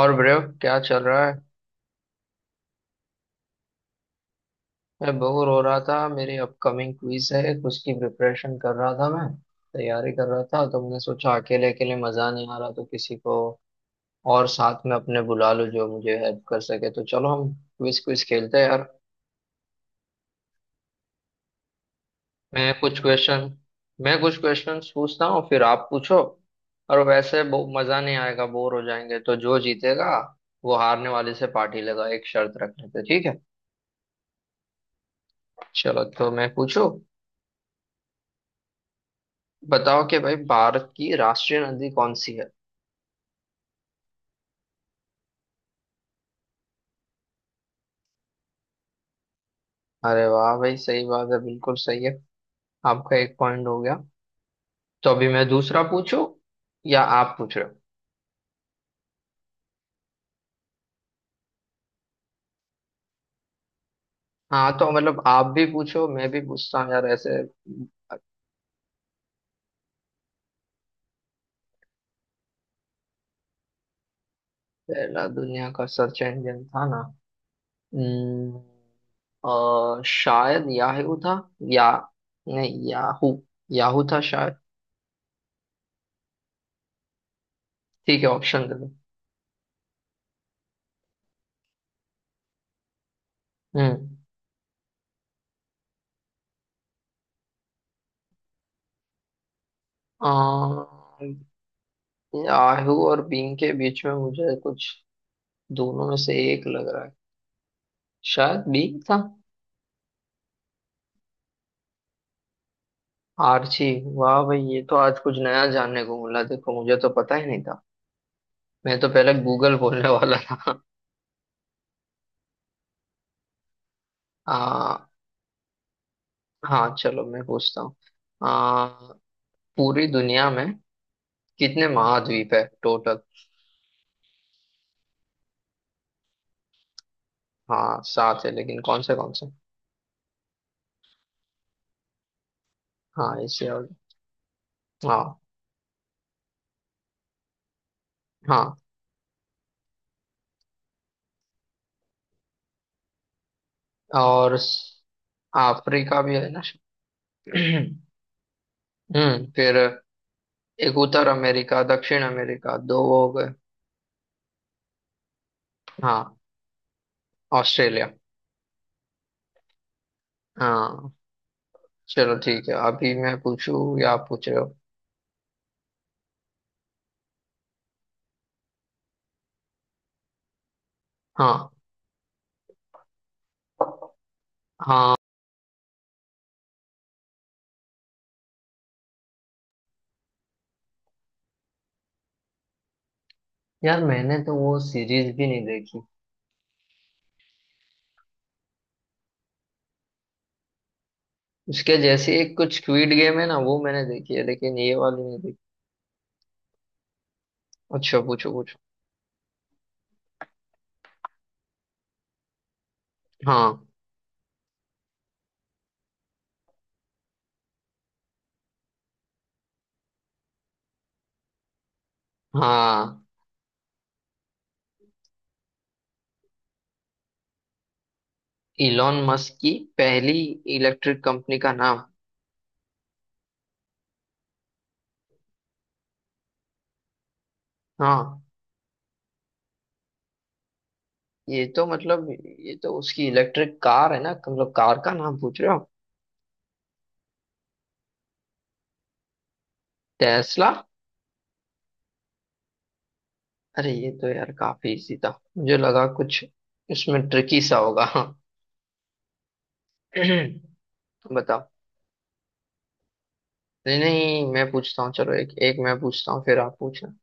और ब्रेव क्या चल रहा है? मैं बोर हो रहा था। मेरी अपकमिंग क्विज है, उसकी प्रिपरेशन कर रहा था मैं, तैयारी कर रहा था। तो मैंने सोचा अकेले अकेले मजा नहीं आ रहा, तो किसी को और साथ में अपने बुला लूं जो मुझे हेल्प कर सके। तो चलो हम क्विज क्विज खेलते हैं यार। मैं कुछ क्वेश्चन मैं कुछ क्वेश्चन पूछता हूँ फिर आप पूछो। और वैसे मजा नहीं आएगा, बोर हो जाएंगे, तो जो जीतेगा वो हारने वाले से पार्टी लेगा, एक शर्त रख लेते हैं, ठीक है। चलो तो मैं पूछूं। बताओ कि भाई, भारत की राष्ट्रीय नदी कौन सी है? अरे वाह भाई, सही बात है, बिल्कुल सही है। आपका एक पॉइंट हो गया। तो अभी मैं दूसरा पूछूं या आप पूछ रहे हो? हाँ तो मतलब आप भी पूछो मैं भी पूछता हूँ यार ऐसे। पहला दुनिया का सर्च इंजन था ना? हम्म, शायद याहू था, या नहीं, याहू, याहू था शायद। ठीक है, ऑप्शन दे दो। हम्म याहू और बिंग के बीच में मुझे कुछ, दोनों में से एक लग रहा है, शायद बी था। आर्ची। वाह भाई, ये तो आज कुछ नया जानने को मिला। देखो मुझे तो पता ही नहीं था, मैं तो पहले गूगल बोलने वाला था। आ, हाँ चलो मैं पूछता हूँ। आ, पूरी दुनिया में कितने महाद्वीप है टोटल? हाँ सात है, लेकिन कौन से कौन से? हाँ एशिया और। हाँ। हाँ और अफ्रीका भी है ना। फिर, एक उत्तर अमेरिका दक्षिण अमेरिका दो हो गए। हाँ। ऑस्ट्रेलिया। हाँ चलो ठीक है, अभी मैं पूछूं या आप पूछ रहे हो? हाँ, हाँ। यार मैंने तो वो सीरीज भी नहीं देखी। उसके जैसी एक कुछ स्क्विड गेम है ना, वो मैंने देखी है, लेकिन ये वाली नहीं देखी। अच्छा पूछो पूछो। हाँ, हाँ। इलॉन मस्क की पहली इलेक्ट्रिक कंपनी का नाम? हाँ ये तो मतलब ये तो उसकी इलेक्ट्रिक कार है ना, मतलब कार का नाम पूछ रहे हो आप? टेस्ला। अरे ये तो यार काफी इजी था, मुझे लगा कुछ इसमें ट्रिकी सा होगा। बताओ। नहीं, नहीं, मैं पूछता हूँ। चलो एक एक मैं पूछता हूँ फिर आप पूछना।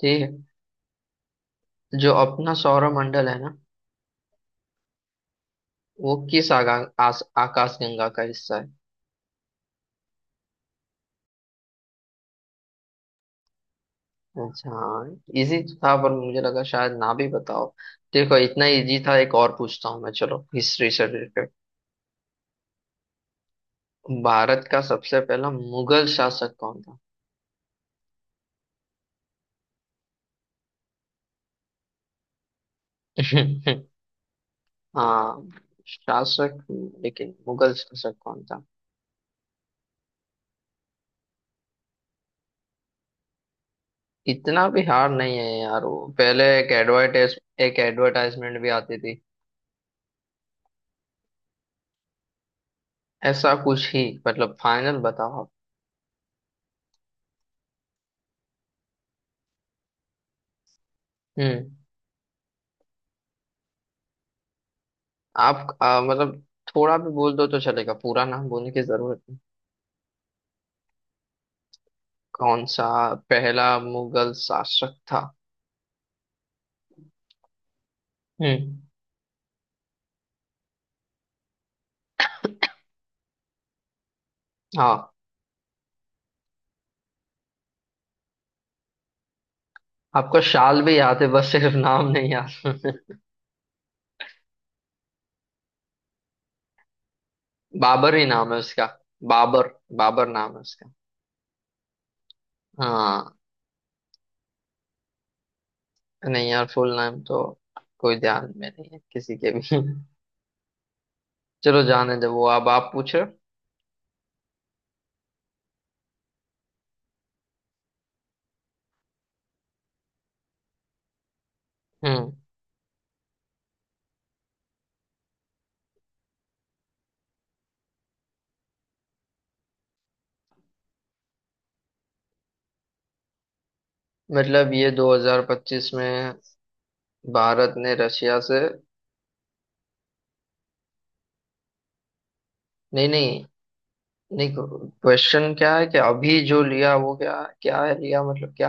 ठीक है। जो अपना सौरमंडल है ना, वो किस आकाश गंगा का हिस्सा है? अच्छा हाँ, इजी था पर मुझे लगा शायद ना भी बताओ। देखो इतना इजी था, एक और पूछता हूँ मैं। चलो हिस्ट्री से रिलेटेड। भारत का सबसे पहला मुगल शासक कौन था? हाँ। शासक? लेकिन मुगल शासक कौन था? इतना भी हार्ड नहीं है यार, वो पहले एक एडवर्टाइजमेंट भी आती थी। ऐसा कुछ ही, मतलब फाइनल बताओ आप। हम्म मतलब थोड़ा भी बोल दो तो चलेगा, पूरा नाम बोलने की जरूरत नहीं। कौन सा पहला मुगल शासक था? हम्म हाँ। आपको शाल भी याद है, बस सिर्फ नाम नहीं याद। बाबर ही नाम है उसका। बाबर, बाबर नाम है उसका। हाँ। नहीं यार फुल नाम तो कोई ध्यान में नहीं है किसी के भी। चलो जाने दो वो, अब आप पूछो। हम्म मतलब ये 2025 में भारत ने रशिया से। नहीं, नहीं, नहीं। क्वेश्चन क्या है कि अभी जो लिया वो क्या क्या है लिया, मतलब क्या?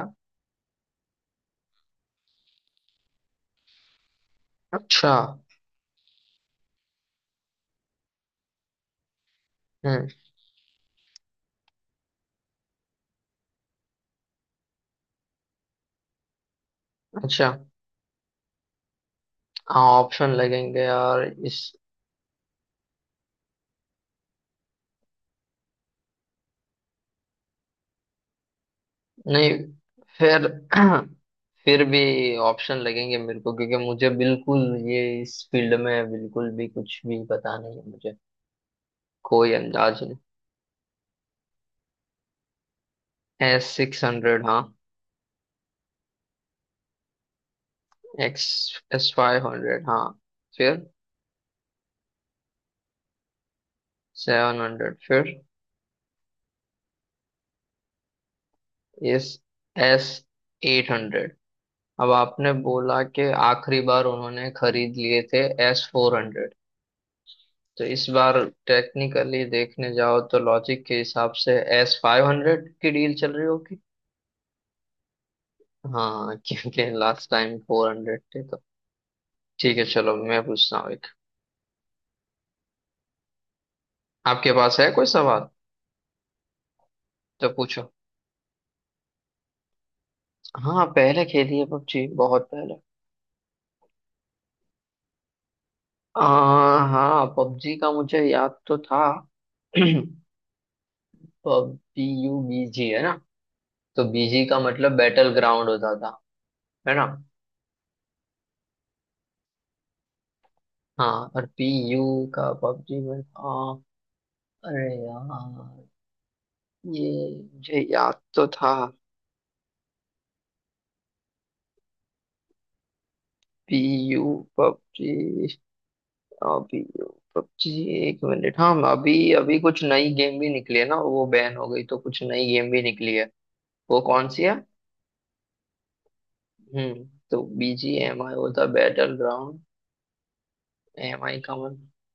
अच्छा। हम्म अच्छा हाँ, ऑप्शन लगेंगे यार इस। नहीं, फिर फिर भी ऑप्शन लगेंगे मेरे को, क्योंकि मुझे बिल्कुल ये इस फील्ड में बिल्कुल भी कुछ भी पता नहीं है, मुझे कोई अंदाज नहीं। एस सिक्स हंड्रेड हाँ। एक्स एस फाइव हंड्रेड हाँ। फिर सेवन हंड्रेड फिर। S S eight hundred. अब आपने बोला कि आखिरी बार उन्होंने खरीद लिए थे एस फोर हंड्रेड। तो इस बार टेक्निकली देखने जाओ तो लॉजिक के हिसाब से एस फाइव हंड्रेड की डील चल रही होगी। हाँ क्योंकि लास्ट टाइम फोर हंड्रेड थे तो। ठीक है चलो मैं पूछता हूँ एक। आपके पास है कोई सवाल? तो पूछो। हाँ पहले खेली है पबजी, बहुत पहले। आ, हाँ पबजी का मुझे याद तो था। पबजी यू बीजी है ना? तो बीजी का मतलब बैटल ग्राउंड होता था, है ना? हाँ और पी यू का पबजी में था। अरे यार, ये मुझे याद तो था। P U PUBG. हाँ, पी यू पबजी। एक मिनट, हाँ अभी अभी कुछ नई गेम भी निकली है ना, वो बैन हो गई तो कुछ नई गेम भी निकली है। वो कौन सी है? हम्म तो बी जी एम आई होता बैटल ग्राउंड। एम आई का मन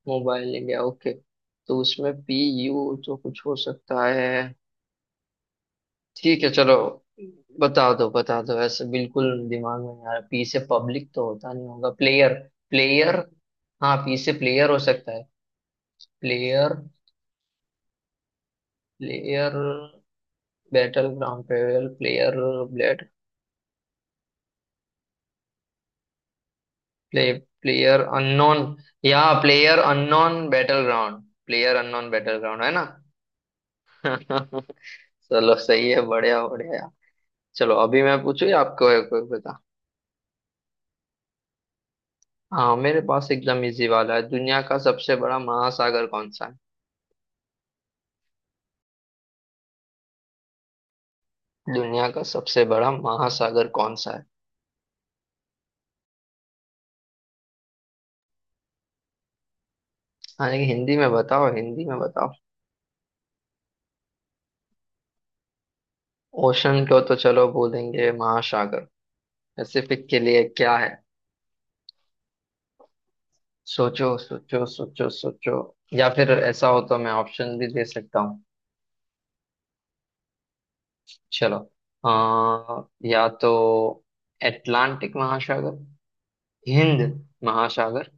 मोबाइल इंडिया, ओके। तो उसमें पी यू तो कुछ हो सकता है। ठीक है चलो बता दो, बता दो। ऐसे बिल्कुल दिमाग में नहीं आ रहा। पी से पब्लिक तो होता नहीं होगा, प्लेयर। प्लेयर। हाँ पी से प्लेयर हो सकता है। प्लेयर, प्लेयर बैटल ग्राउंड, पेवेल player, blade, play, player unknown, या player unknown battleground. Player unknown battleground है ना? चलो सही है, बढ़िया बढ़िया। चलो अभी मैं पूछू या आपको है कोई, बता? हाँ मेरे पास एकदम इजी वाला है। दुनिया का सबसे बड़ा महासागर कौन सा है? दुनिया का सबसे बड़ा महासागर कौन सा है? हाँ लेकिन हिंदी में बताओ, हिंदी में बताओ। ओशन को तो चलो बोलेंगे महासागर, पैसिफिक के लिए क्या है? सोचो सोचो सोचो सोचो। या फिर ऐसा हो तो मैं ऑप्शन भी दे सकता हूँ। चलो। आ, या तो अटलांटिक महासागर, हिंद महासागर,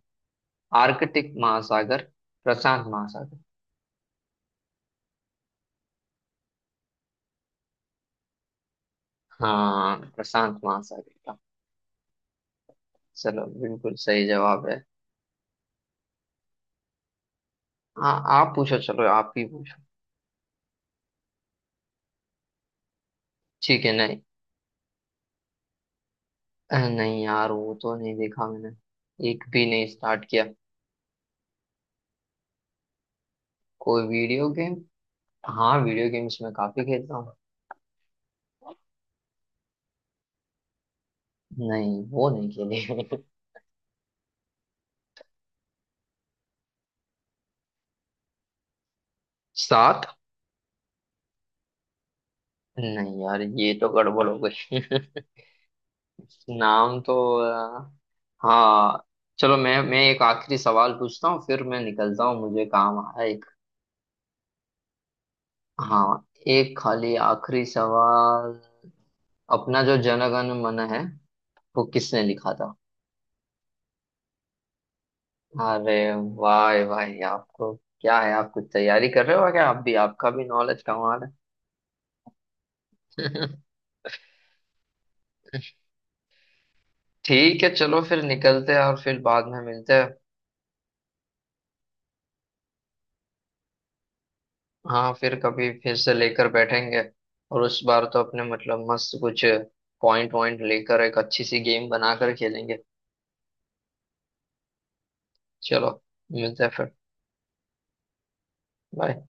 आर्कटिक महासागर, प्रशांत महासागर। हाँ प्रशांत महासागर का। चलो बिल्कुल सही जवाब है। हाँ आप पूछो, चलो आप ही पूछो। ठीक है नहीं। नहीं यार वो तो नहीं देखा मैंने, एक भी नहीं स्टार्ट किया। कोई वीडियो गेम? हाँ वीडियो गेम्स में काफी खेलता हूँ। नहीं वो नहीं खेली। सात। नहीं यार ये तो गड़बड़ हो गई। नाम तो। अह, हाँ। चलो मैं एक आखिरी सवाल पूछता हूँ फिर मैं निकलता हूँ, मुझे काम आया एक। हाँ एक खाली आखिरी सवाल। अपना जो जनगण मन है, वो किसने लिखा था? अरे वाह भाई आपको क्या है, आप कुछ तैयारी कर रहे हो क्या, आप भी आपका भी नॉलेज कमा रहे हैं। ठीक है चलो फिर निकलते हैं, और फिर बाद में मिलते हैं। हाँ फिर कभी फिर से लेकर बैठेंगे, और उस बार तो अपने मतलब मस्त कुछ पॉइंट वॉइंट लेकर एक अच्छी सी गेम बनाकर खेलेंगे। चलो मिलते हैं फिर। बाय।